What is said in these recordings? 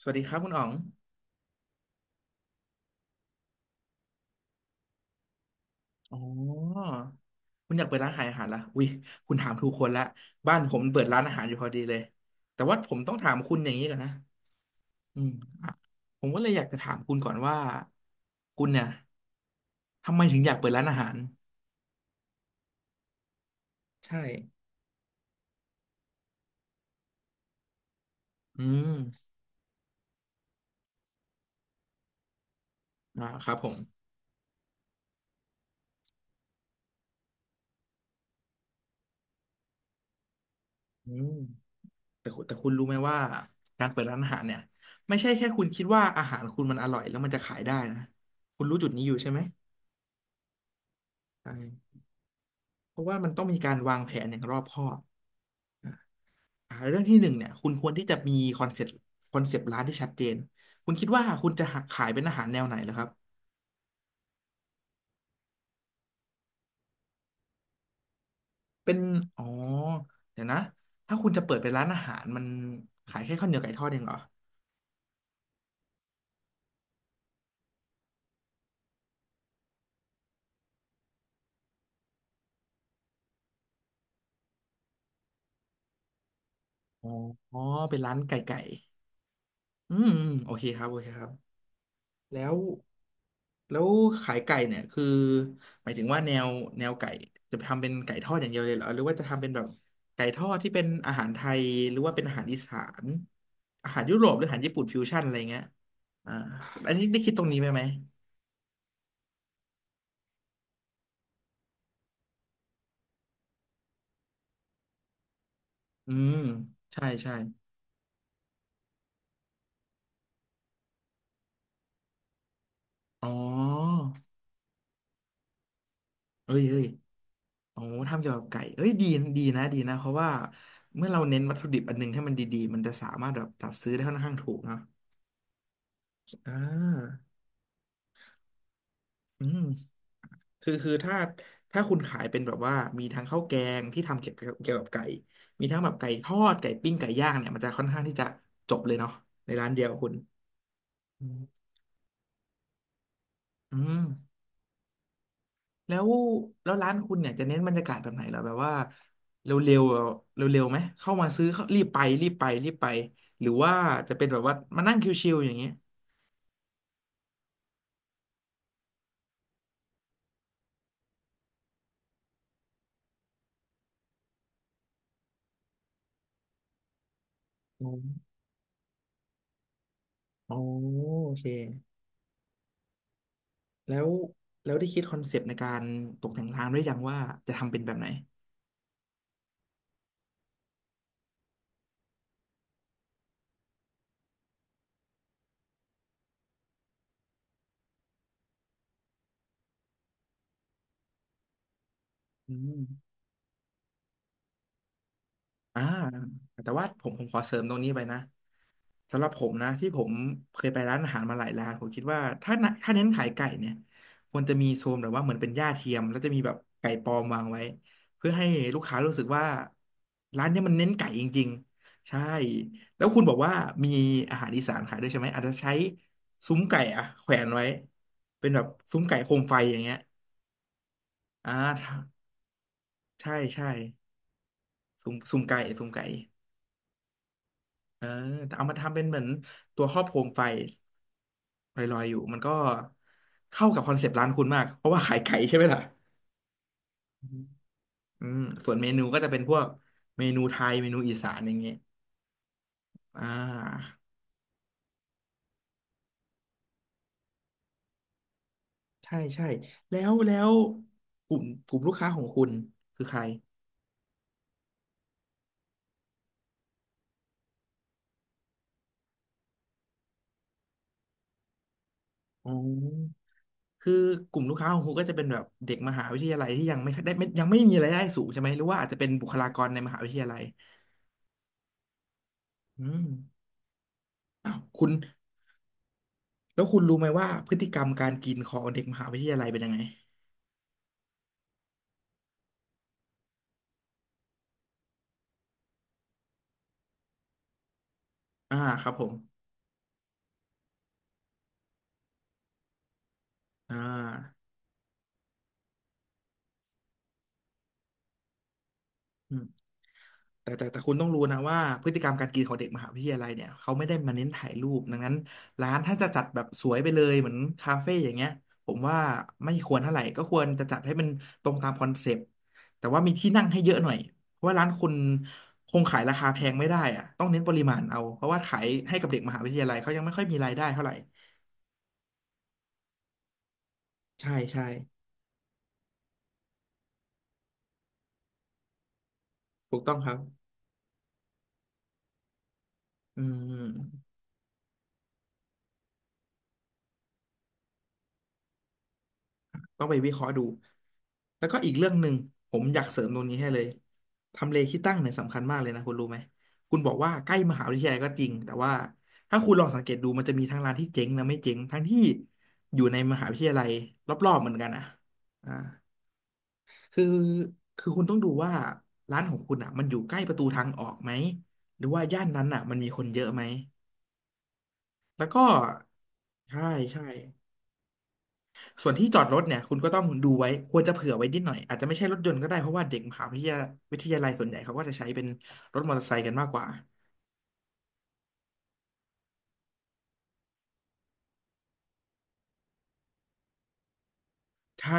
สวัสดีครับคุณอ๋องอ๋อคุณอยากเปิดร้านขายอาหารละอุ้ยคุณถามถูกคนละ บ้านผมเปิดร้านอาหารอยู่พอดีเลย แต่ว่าผมต้องถามคุณอย่างนี้ก่อนนะอืมอ่ะผมก็เลยอยากจะถามคุณก่อนว่า คุณเนี่ย ทำไมถึงอยากเปิดร้านอาหาร ใช่อืมอ่าครับผมอืมแต่คุณรู้ไหมว่าการเปิดร้านอาหารเนี่ย ไม่ใช่แค่คุณคิดว่าอาหารคุณมันอร่อยแล้วมันจะขายได้นะคุณรู้จุดนี้อยู่ใช่ไหมใช่เพราะว่ามันต้องมีการวางแผนอย่างรอบคอบ อ่าเรื่องที่หนึ่งเนี่ยคุณควรที่จะมีคอนเซ็ปต์ร้านที่ชัดเจนคุณคิดว่าคุณจะขายเป็นอาหารแนวไหนเหรอครับเป็นอ๋อเดี๋ยวนะถ้าคุณจะเปิดเป็นร้านอาหารมันขายแค่ข้าวเหนียวไก่ทอดเองเหรออ๋ออ๋อเป็นร้านไก่ไก่อืมอืมโอเคครับโอเคครับแล้ว แล้วขายไก่เนี่ยคือหมายถึงว่าแนวไก่จะทำเป็นไก่ทอดอย่างเดียวเลยเหรอหรือว่าจะทำเป็นแบบไก่ทอดที่เป็นอาหารไทยหรือว่าเป็นอาหารอีสานอาหารยุโรปหรืออาหารญี่ปุ่นฟิวชั่นอะไรเงี้ยอ่าอันนี้ได้คิดตรงนี้ไหมไหมอืมใช่ใช่อ๋อเอ้ยเอ้ยโอ๋ทำเกี่ยวกับไก่เอ้ยดีดีนะดีนะเพราะว่าเมื่อเราเน้นวัตถุดิบอันหนึงให้มันดีๆมันจะสามารถแบบตัดซื้อได้ค่อนข้างถูกเนาะอ่าอืม คือถ้าคุณขายเป็นแบบว่ามีทั้งข้าวแกงที่ทำเกี่ยวกับไก่มีทั้งแบบไก่ทอดไก่ปิ้งไก่ย่างเนี่ยมันจะค่อนข้างที่จะจบเลยเนาะในร้านเดียวคุณอืมอืมแล้วแล้วร้านคุณเนี่ยจะเน้นบรรยากาศแบบไหนเหรอแบบว่าเร็วๆเร็วเร็วๆไหมเข้ามาซื้อเข้ารีบไปรีบไปรีบไปหรือว่าจะเป็นแบบว่ามานั่งชิวๆอย่างเงี้ยอ๋ออ๋อโอเคแล้วแล้วได้คิดคอนเซปต์ในการตกแต่งร้านไว้ยังว่าจะทำเป็นแบบไหนอืม อ่าแต่ว่าผมขอเสริมตรงนี้ไปนะสำหรับผมนะที่ผมเคยไปร้านอาหารมาหลายร้านผมคิดว่าถ้าน่ะถ้าเน้นขายไก่เนี่ยควรจะมีโซนแบบว่าเหมือนเป็นหญ้าเทียมแล้วจะมีแบบไก่ปลอมวางไว้เพื่อให้ลูกค้ารู้สึกว่าร้านเนี้ยมันเน้นไก่จริงๆใช่แล้วคุณบอกว่ามีอาหารอีสานขายด้วยใช่ไหมอาจจะใช้ซุ้มไก่อะแขวนไว้เป็นแบบซุ้มไก่โคมไฟอย่างเงี้ยอ่าใช่ใช่ซุ้มไก่ เออแต่เอามาทำเป็นเหมือนตัวครอบโคมไฟลอยๆอยู่มันก็เข้ากับคอนเซปต์ร้านคุณมากเพราะว่าขายไก่ใช่ไหมล่ะอืมอืมส่วนเมนูก็จะเป็นพวกเมนูไทยเมนูอีสานอย่างเงี้ยอ่าใช่ใช่แล้วกลุ่มลูกค้าของคุณคือใครอ๋อคือกลุ่มลูกค้าของคุณก็จะเป็นแบบเด็กมหาวิทยาลัยที่ยังไม่ได้ไม่ยังไม่มีรายได้สูงใช่ไหมหรือว่าอาจจะเป็นบุคลากรในมหาวิทยาลัยอืมอ้าวคุณ แล้วคุณรู้ไหมว่าพฤติกรรมการกินของเด็กมหาวิทยาลัยเป็นยังไงอ่าครับผมอ่าอืมแต่คุณต้องรู้นะว่าพฤติกรรมการกินของเด็กมหาวิทยาลัยเนี่ยเขาไม่ได้มาเน้นถ่ายรูป ดังนั้นร้านถ้าจะจัดแบบสวยไปเลยเหมือนคาเฟ่อย่างเงี้ยผมว่าไม่ควรเท่าไหร่ก็ควรจะจัดให้มันตรงตามคอนเซปต์แต่ว่ามีที่นั่งให้เยอะหน่อยเพราะว่าร้านคุณคงขายราคาแพงไม่ได้อะต้องเน้นปริมาณเอาเพราะว่าขายให้กับเด็กมหาวิทยาลัยเขายังไม่ค่อยมีรายได้เท่าไหร่ใช่ใช่ถูกต้องครับอืม ต้องไปวิเคราะห์ดูแล้วก็อีกเรื่องหนึ่งผมอยากเสริมตรงนี้ให้เลยทำเลที่ตั้งเนี่ยสำคัญมากเลยนะคุณรู้ไหมคุณบอกว่าใกล้มหาวิทยาลัยก็จริงแต่ว่าถ้าคุณลองสังเกตดูมันจะมีทั้งร้านที่เจ๊งและไม่เจ๊งทั้งที่อยู่ในมหาวิทยาลัยรอบๆเหมือนกันอ่ะอ่าคือคือคุณต้องดูว่าร้านของคุณอ่ะมันอยู่ใกล้ประตูทางออกไหมหรือว่าย่านนั้นอ่ะมันมีคนเยอะไหมแล้วก็ใช่ใช่ ส่วนที่จอดรถเนี่ยคุณก็ต้องดูไว้ควรจะเผื่อไว้นิดหน่อยอาจจะไม่ใช่รถยนต์ก็ได้เพราะว่าเด็กมหาวิทยาวิทยาลัยส่วนใหญ่เขาก็จะใช้เป็นรถมอเตอร์ไซค์กันมากกว่าใช่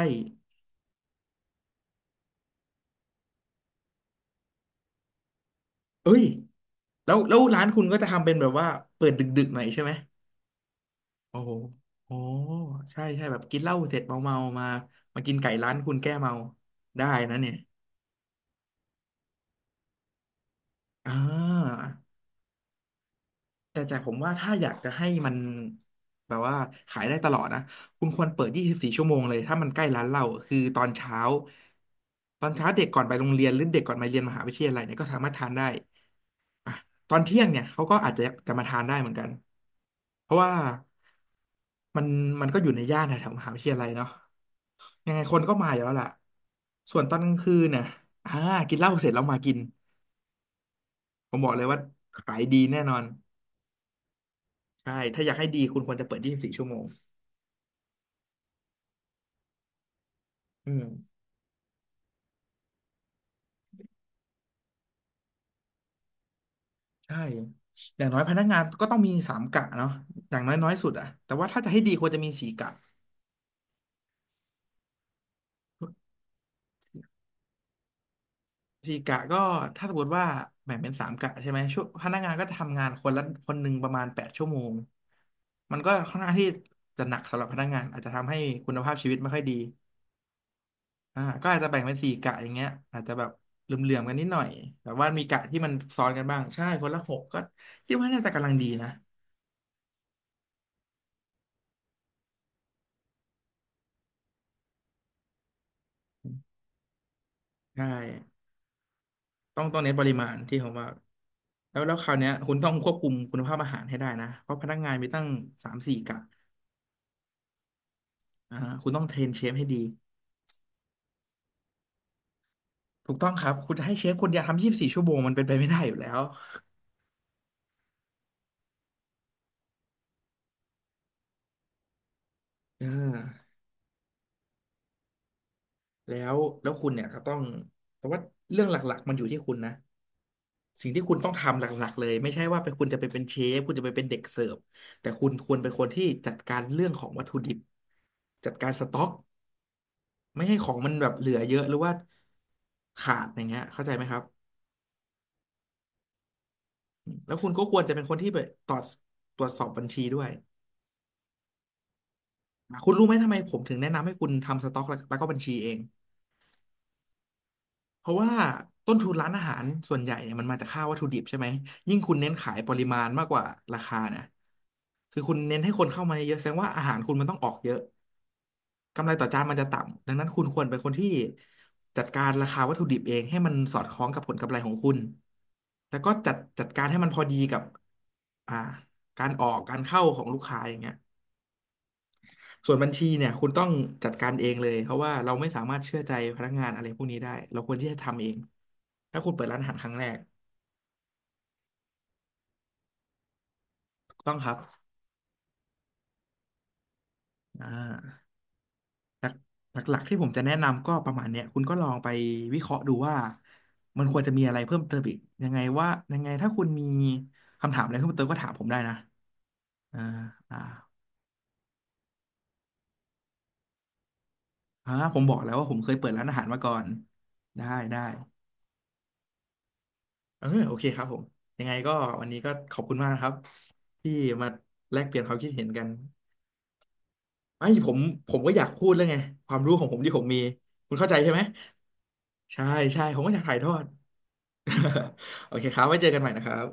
เอ้ยแล้วร้านคุณก็จะทำเป็นแบบว่าเปิดดึกๆหน่อยใช่ไหมโอ้โหโอ้ใช่ใช่แบบกินเหล้าเสร็จเมาๆมามากินไก่ร้านคุณแก้เมาได้นะเนี่ยอ่า แต่ผมว่าถ้าอยากจะให้มันแบบว่าขายได้ตลอดนะคุณควรเปิด24ชั่วโมงเลยถ้ามันใกล้ร้านเราคือตอนเช้าตอนเช้าเด็กก่อนไปโรงเรียนหรือเด็กก่อนมาเรียนมหาวิทยาลัยเนี่ยก็สามารถทานได้อ่ะตอนเที่ยงเนี่ยเขาก็อาจจะจะมาทานได้เหมือนกันเพราะว่ามันมันก็อยู่ในย่านแถวๆมหาวิทยาลัยเนาะยังไงคนก็มาอยู่แล้วล่ะส่วนตอนกลางคืนเนี่ยอ่ากินเหล้าเสร็จแล้วมากินผมบอกเลยว่าขายดีแน่นอนใช่ถ้าอยากให้ดีคุณควรจะเปิดยี่สิบสี่ชั่วโมง อืมใช่อย่างน้อยพนักงานก็ต้องมีสามกะเนาะอย่างน้อยน้อยสุดอะแต่ว่าถ้าจะให้ดีควรจะมีสี่กะสี่กะก็ถ้าสมมติว่าแบ่งเป็นสามกะใช่ไหมช่วงพนักงานก็จะทำงานคนละคนหนึ่งประมาณ8 ชั่วโมงมันก็ค่อนข้างที่จะหนักสำหรับพนักงานอาจจะทำให้คุณภาพชีวิตไม่ค่อยดีอ่าก็อาจจะแบ่งเป็นสี่กะอย่างเงี้ยอาจจะแบบเหลื่อมๆกันนิดหน่อยแต่ว่ามีกะที่มันซ้อนกันบ้างใช่คนละหกก็คิดว่าน่าจะกำลังดีนะใช่ ต้องเน้นปริมาณที่ผมว่าแล้วคราวเนี้ยคุณต้องควบคุมคุณภาพอาหารให้ได้นะเพราะพนักงานมีตั้งสามสี่กะอ่าคุณต้องเทรนเชฟให้ดีถูกต้องครับคุณจะให้เชฟคนเดียวทำยี่สิบสี่ชั่วโมงมันเป็นไปไม่ได้อยู่แล้วอ่าแล้วคุณเนี่ยก็ต้องแต่ว่าเรื่องหลักๆมันอยู่ที่คุณนะสิ่งที่คุณต้องทำหลักๆเลยไม่ใช่ว่าไปคุณจะไปเป็นเชฟคุณจะไปเป็นเด็กเสิร์ฟแต่คุณควรเป็นคนที่จัดการเรื่องของวัตถุดิบจัดการสต็อก ไม่ให้ของมันแบบเหลือเยอะหรือว่าขาดอย่างเงี้ยเข้าใจไหมครับแล้วคุณก็ควรจะเป็นคนที่ไปตรวจตรวจสอบบัญชีด้วยอ่ะคุณรู้ไหมทำไมผมถึงแนะนำให้คุณทำสต็อกแล้วก็บัญชีเองเพราะว่าต้นทุนร้านอาหารส่วนใหญ่เนี่ยมันมาจากค่าวัตถุดิบใช่ไหมยิ่งคุณเน้นขายปริมาณมากกว่าราคาเนะคือคุณเน้นให้คนเข้ามาเยอะแสดงว่าอาหารคุณมันต้องออกเยอะ กำไรต่อจานมันจะต่ำดังนั้นคุณควรเป็นคนที่จัดการราคาวัตถุดิบเองให้มันสอดคล้องกับผลกำไรของคุณแล้วก็จัดการให้มันพอดีกับอ่าการออกการเข้าของลูกค้าอย่างเงี้ยส่วนบัญชีเนี่ยคุณต้องจัดการเองเลยเพราะว่าเราไม่สามารถเชื่อใจพนักงานอะไรพวกนี้ได้เราควรที่จะทำเองถ้าคุณเปิดร้านอาหารครั้งแรกถูกต้องครับอ่า หลักๆที่ผมจะแนะนำก็ประมาณเนี้ยคุณก็ลองไปวิเคราะห์ดูว่ามันควรจะมีอะไรเพิ่มเติมอีกยังไงว่ายังไงถ้าคุณมีคำถามอะไรเพิ่มเติมก็ถามผมได้นะอ่าอ่าอ่าผมบอกแล้วว่าผมเคยเปิดร้านอาหารมาก่อนได้ได้เออโอเคครับผมยังไงก็วันนี้ก็ขอบคุณมากนะครับที่มาแลกเปลี่ยนความคิดเห็นกันไอ้ยผมก็อยากพูดแล้วไงความรู้ของผมที่ผมมีคุณเข้าใจใช่ไหมใช่ใช่ผมก็อยากถ่ายทอด โอเคครับไว้เจอกันใหม่นะครับ